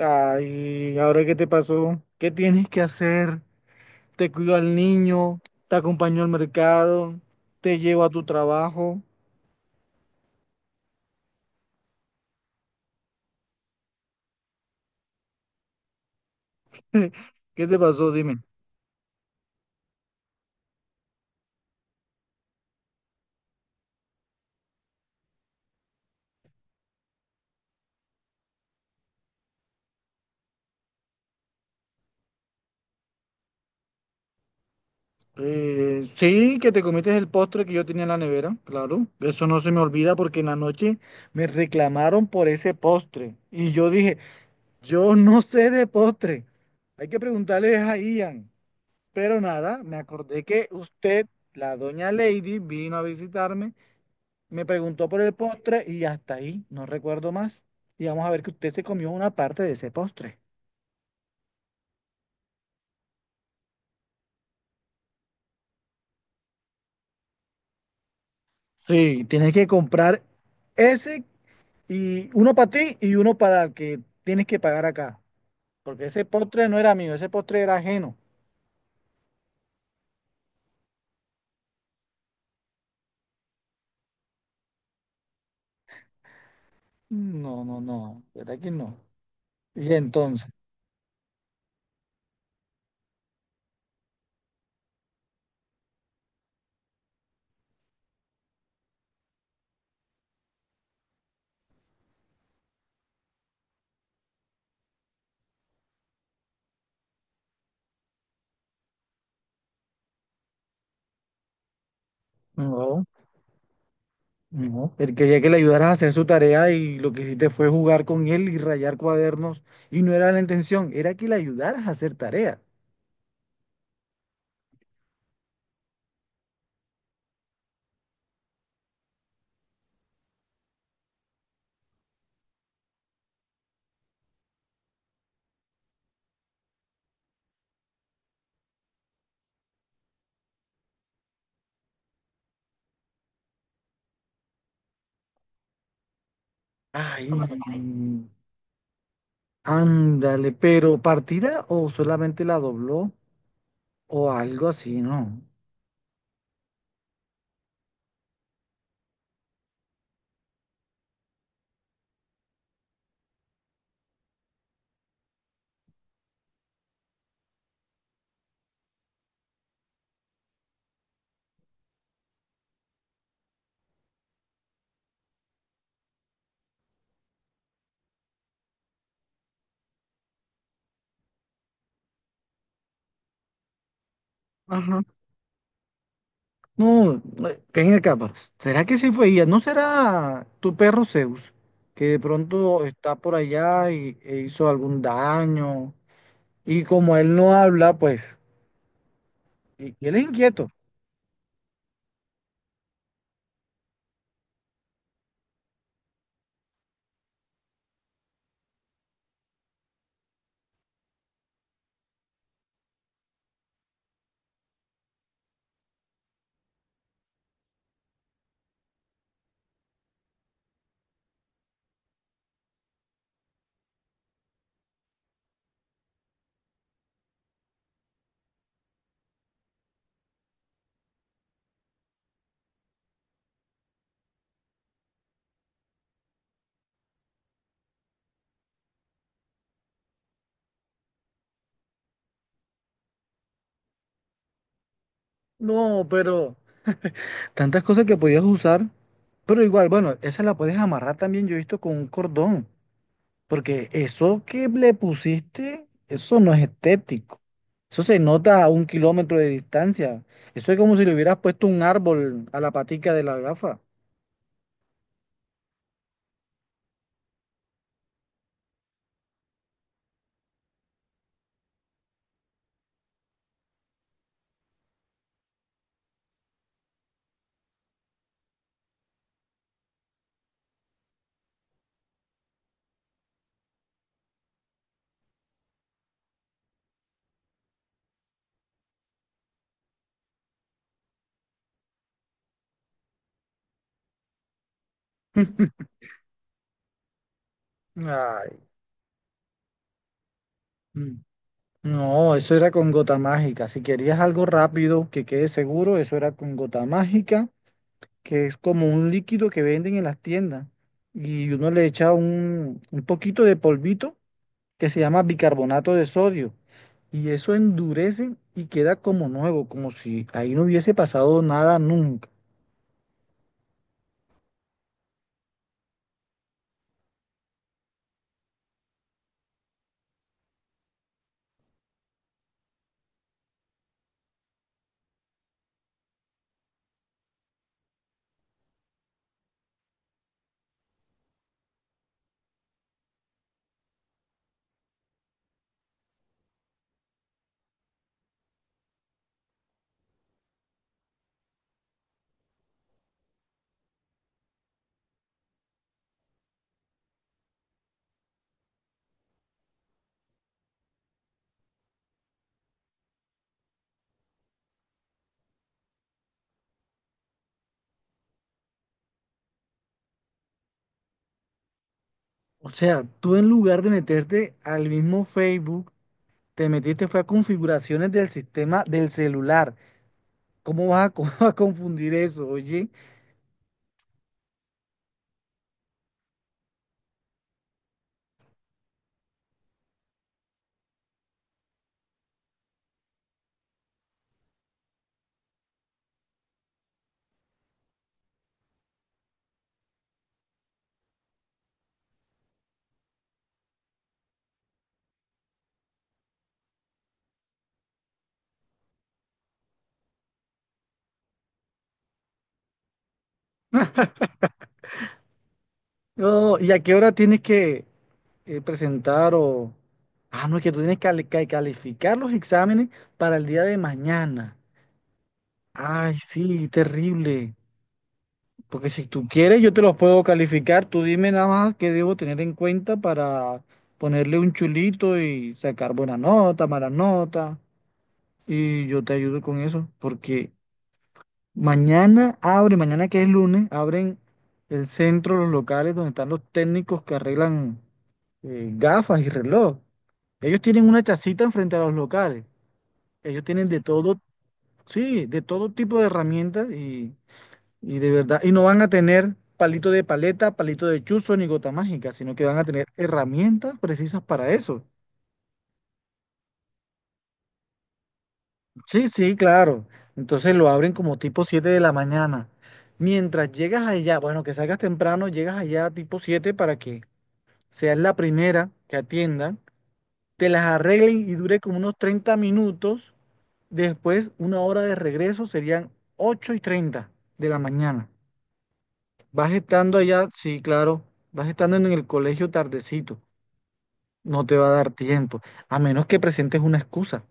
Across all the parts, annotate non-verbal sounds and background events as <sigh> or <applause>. Ay, ¿ahora qué te pasó? ¿Qué tienes que hacer? Te cuido al niño, te acompaño al mercado, te llevo a tu trabajo. <laughs> ¿Qué te pasó? Dime. Sí, que te comiste el postre que yo tenía en la nevera, claro. Eso no se me olvida porque en la noche me reclamaron por ese postre. Y yo dije, yo no sé de postre. Hay que preguntarle a Ian. Pero nada, me acordé que usted, la doña Lady, vino a visitarme. Me preguntó por el postre y hasta ahí, no recuerdo más. Y vamos a ver que usted se comió una parte de ese postre. Sí, tienes que comprar ese y uno para ti y uno para el que tienes que pagar acá. Porque ese postre no era mío, ese postre era ajeno. No, no, no, ¿verdad que no? Y entonces, no, no. Él quería que le ayudaras a hacer su tarea y lo que hiciste fue jugar con él y rayar cuadernos. Y no era la intención, era que le ayudaras a hacer tarea. Ay, ándale, pero ¿partida o solamente la dobló o algo así? No. Ajá. No, ven acá, pero ¿será que sí fue ella? ¿No será tu perro Zeus, que de pronto está por allá y, e hizo algún daño? Y como él no habla, pues, y él es inquieto. No, pero tantas cosas que podías usar, pero igual, bueno, esa la puedes amarrar también, yo he visto con un cordón. Porque eso que le pusiste, eso no es estético. Eso se nota a un kilómetro de distancia. Eso es como si le hubieras puesto un árbol a la patica de la gafa. <laughs> Ay, mm. No, eso era con gota mágica. Si querías algo rápido que quede seguro, eso era con gota mágica, que es como un líquido que venden en las tiendas. Y uno le echa un poquito de polvito que se llama bicarbonato de sodio. Y eso endurece y queda como nuevo, como si ahí no hubiese pasado nada nunca. O sea, tú en lugar de meterte al mismo Facebook, te metiste fue a configuraciones del sistema del celular. ¿Cómo vas a, <laughs> a confundir eso, oye? No, ¿y a qué hora tienes que presentar o... Ah, no, es que tú tienes que que calificar los exámenes para el día de mañana. Ay, sí, terrible. Porque si tú quieres, yo te los puedo calificar. Tú dime nada más qué debo tener en cuenta para ponerle un chulito y sacar buena nota, mala nota. Y yo te ayudo con eso. Porque mañana abre, mañana que es lunes, abren el centro, los locales donde están los técnicos que arreglan gafas y reloj. Ellos tienen una chacita enfrente a los locales. Ellos tienen de todo, sí, de todo tipo de herramientas. Y de verdad, y no van a tener palito de paleta, palito de chuzo ni gota mágica, sino que van a tener herramientas precisas para eso. Sí, sí, claro. Entonces lo abren como tipo 7 de la mañana. Mientras llegas allá, bueno, que salgas temprano, llegas allá tipo 7 para que seas la primera que atiendan, te las arreglen y dure como unos 30 minutos. Después, una hora de regreso serían 8:30 de la mañana. Vas estando allá, sí, claro, vas estando en el colegio tardecito. No te va a dar tiempo, a menos que presentes una excusa.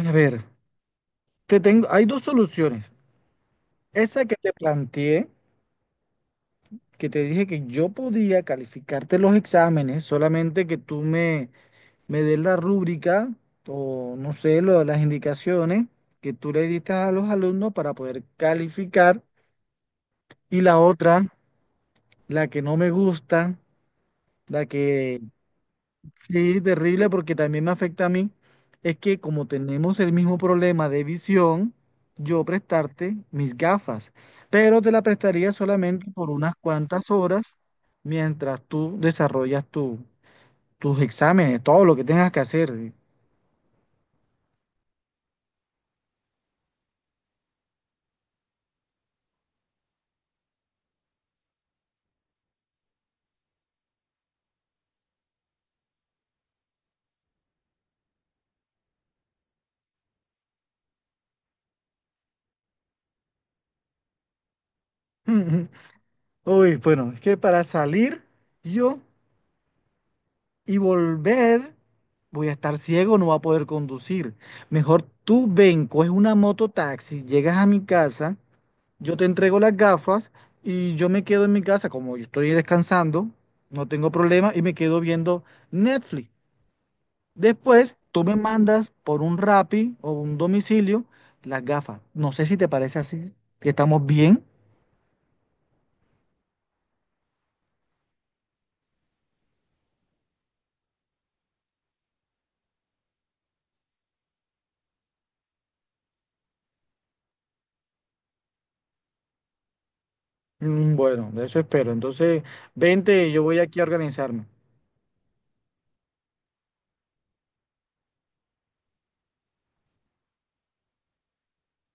A ver, te tengo, hay dos soluciones. Esa que te planteé, que te dije que yo podía calificarte los exámenes, solamente que tú me, me des la rúbrica o no sé, lo las indicaciones que tú le diste a los alumnos para poder calificar. Y la otra, la que no me gusta, la que... Sí, terrible porque también me afecta a mí. Es que como tenemos el mismo problema de visión, yo prestarte mis gafas, pero te la prestaría solamente por unas cuantas horas mientras tú desarrollas tus exámenes, todo lo que tengas que hacer. <laughs> Uy, bueno, es que para salir yo y volver voy a estar ciego, no voy a poder conducir. Mejor tú ven, coges una mototaxi, llegas a mi casa. Yo te entrego las gafas y yo me quedo en mi casa, como yo estoy descansando, no tengo problema y me quedo viendo Netflix. Después, tú me mandas por un Rappi o un domicilio las gafas. No sé si te parece así, que estamos bien. Mm, bueno, de eso espero. Entonces, vente, yo voy aquí a organizarme.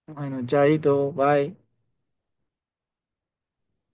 Bueno, chaito, bye.